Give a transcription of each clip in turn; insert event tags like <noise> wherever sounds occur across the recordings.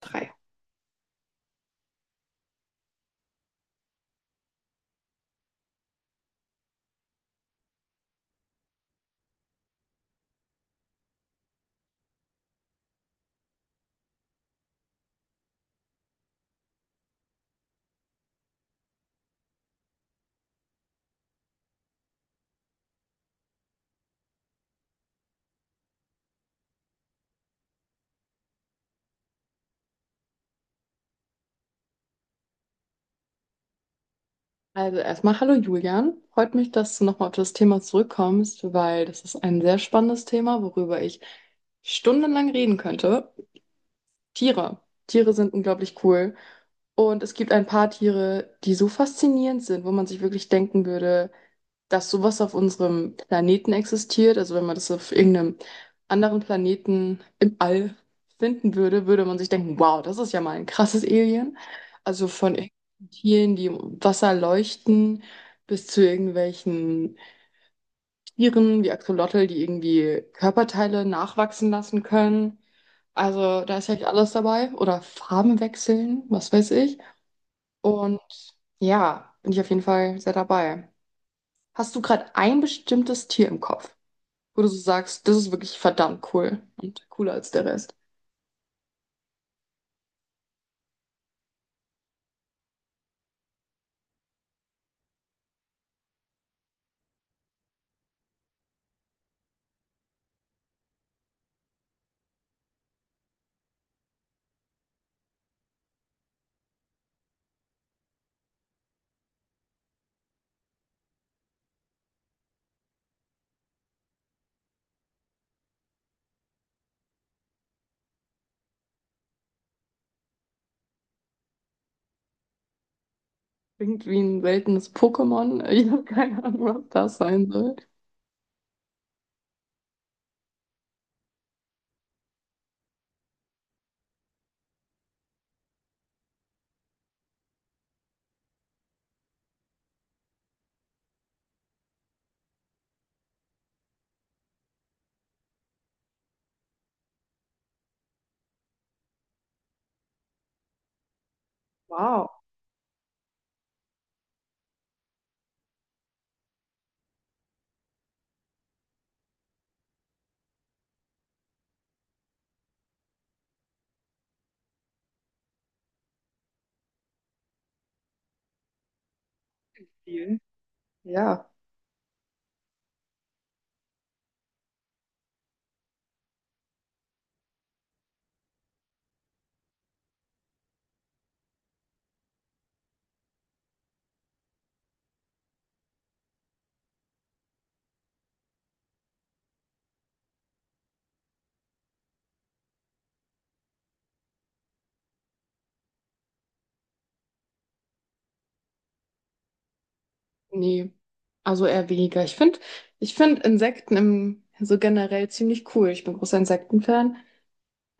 Drei. Also erstmal hallo Julian. Freut mich, dass du nochmal auf das Thema zurückkommst, weil das ist ein sehr spannendes Thema, worüber ich stundenlang reden könnte. Tiere. Tiere sind unglaublich cool. Und es gibt ein paar Tiere, die so faszinierend sind, wo man sich wirklich denken würde, dass sowas auf unserem Planeten existiert. Also wenn man das auf irgendeinem anderen Planeten im All finden würde, würde man sich denken, wow, das ist ja mal ein krasses Alien. Also von irgendwelchen Tieren, die im Wasser leuchten, bis zu irgendwelchen Tieren wie Axolotl, die irgendwie Körperteile nachwachsen lassen können. Also da ist ja alles dabei. Oder Farben wechseln, was weiß ich. Und ja, bin ich auf jeden Fall sehr dabei. Hast du gerade ein bestimmtes Tier im Kopf, wo du so sagst, das ist wirklich verdammt cool und cooler als der Rest? Irgendwie ein seltenes Pokémon? <laughs> Ich habe keine Ahnung, was das sein soll. Wow, viel. Ja, nee. Also eher weniger. Ich finde, ich find Insekten im, so generell ziemlich cool. Ich bin großer Insektenfan,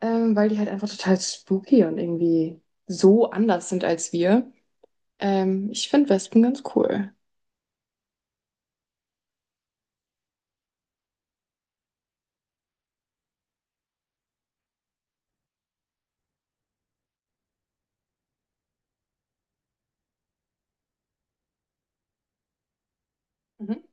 weil die halt einfach total spooky und irgendwie so anders sind als wir. Ich finde Wespen ganz cool. Mhm.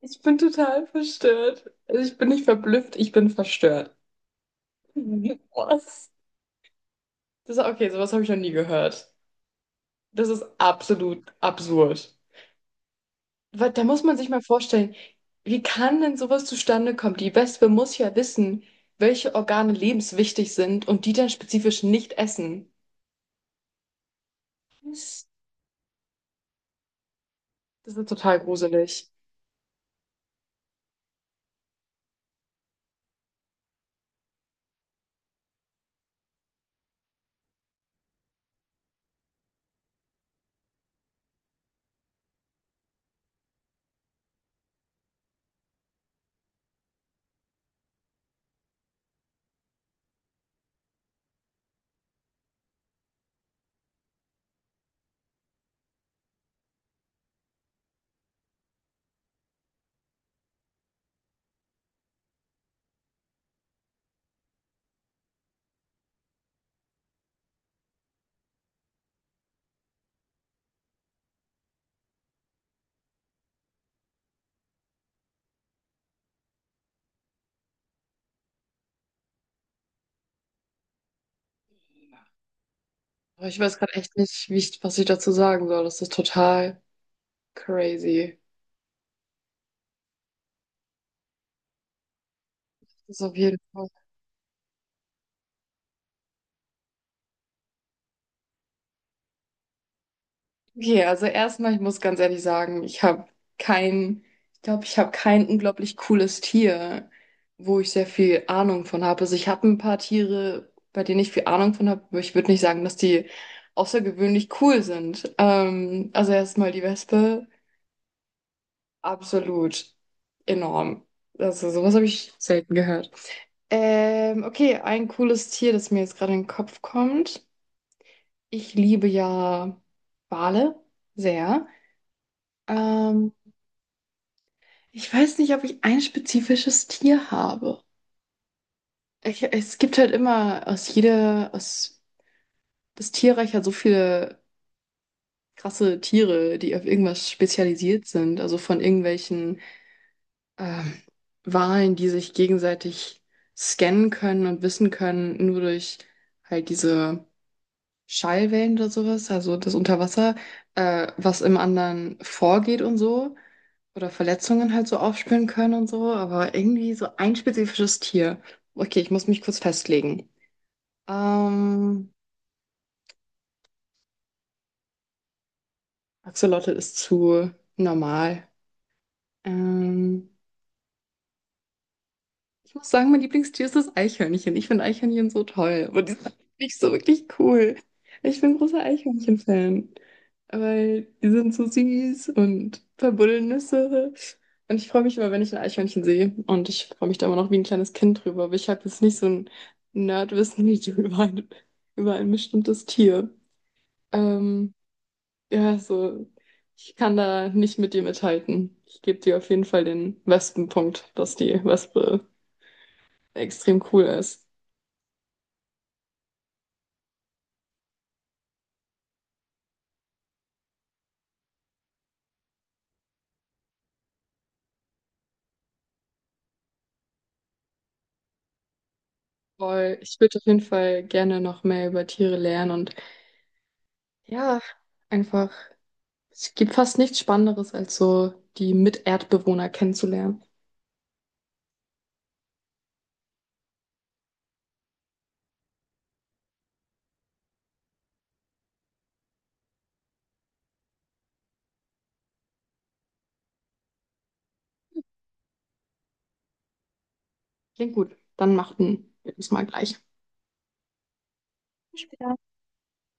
Ich bin total verstört. Also ich bin nicht verblüfft, ich bin verstört. Mhm. Was? Das ist okay, sowas habe ich noch nie gehört. Das ist absolut absurd. Weil da muss man sich mal vorstellen, wie kann denn sowas zustande kommen? Die Wespe muss ja wissen, welche Organe lebenswichtig sind und die dann spezifisch nicht essen. Das das ist total gruselig. Aber ich weiß gerade echt nicht, wie ich, was ich dazu sagen soll. Das ist total crazy. Das ist auf jeden Fall. Okay, also erstmal, ich muss ganz ehrlich sagen, ich habe kein, ich glaube, ich habe kein unglaublich cooles Tier, wo ich sehr viel Ahnung von habe. Also ich habe ein paar Tiere, bei denen ich viel Ahnung von habe, aber ich würde nicht sagen, dass die außergewöhnlich cool sind. Also erstmal die Wespe, absolut enorm. Also sowas habe ich selten gehört. Okay, ein cooles Tier, das mir jetzt gerade in den Kopf kommt. Ich liebe ja Wale sehr. Ähm, Ich weiß nicht, ob ich ein spezifisches Tier habe. Ich, es gibt halt immer aus jeder, aus das Tierreich hat so viele krasse Tiere, die auf irgendwas spezialisiert sind. Also von irgendwelchen ähm, Walen, die sich gegenseitig scannen können und wissen können, nur durch halt diese Schallwellen oder sowas, also das Unterwasser, was im anderen vorgeht und so. Oder Verletzungen halt so aufspüren können und so, aber irgendwie so ein spezifisches Tier. Okay, ich muss mich kurz festlegen. Ähm, Axolotl ist zu normal. Ähm, Ich muss sagen, mein Lieblingstier ist das Eichhörnchen. Ich finde Eichhörnchen so toll. Aber die sind nicht so wirklich cool. Ich bin großer Eichhörnchen-Fan. Weil die sind so süß und verbuddeln Nüsse. Und ich freue mich immer, wenn ich ein Eichhörnchen sehe. Und ich freue mich da immer noch wie ein kleines Kind drüber. Aber ich habe jetzt nicht so ein Nerdwissen wie du <laughs> über ein bestimmtes Tier. Ähm, ja, so, ich kann da nicht mit dir mithalten. Ich gebe dir auf jeden Fall den Wespenpunkt, dass die Wespe extrem cool ist. Voll, ich würde auf jeden Fall gerne noch mehr über Tiere lernen und ja, einfach, es gibt fast nichts Spannenderes, als so die Miterdbewohner kennenzulernen. Klingt gut, dann machten wir das mal gleich. Bis später.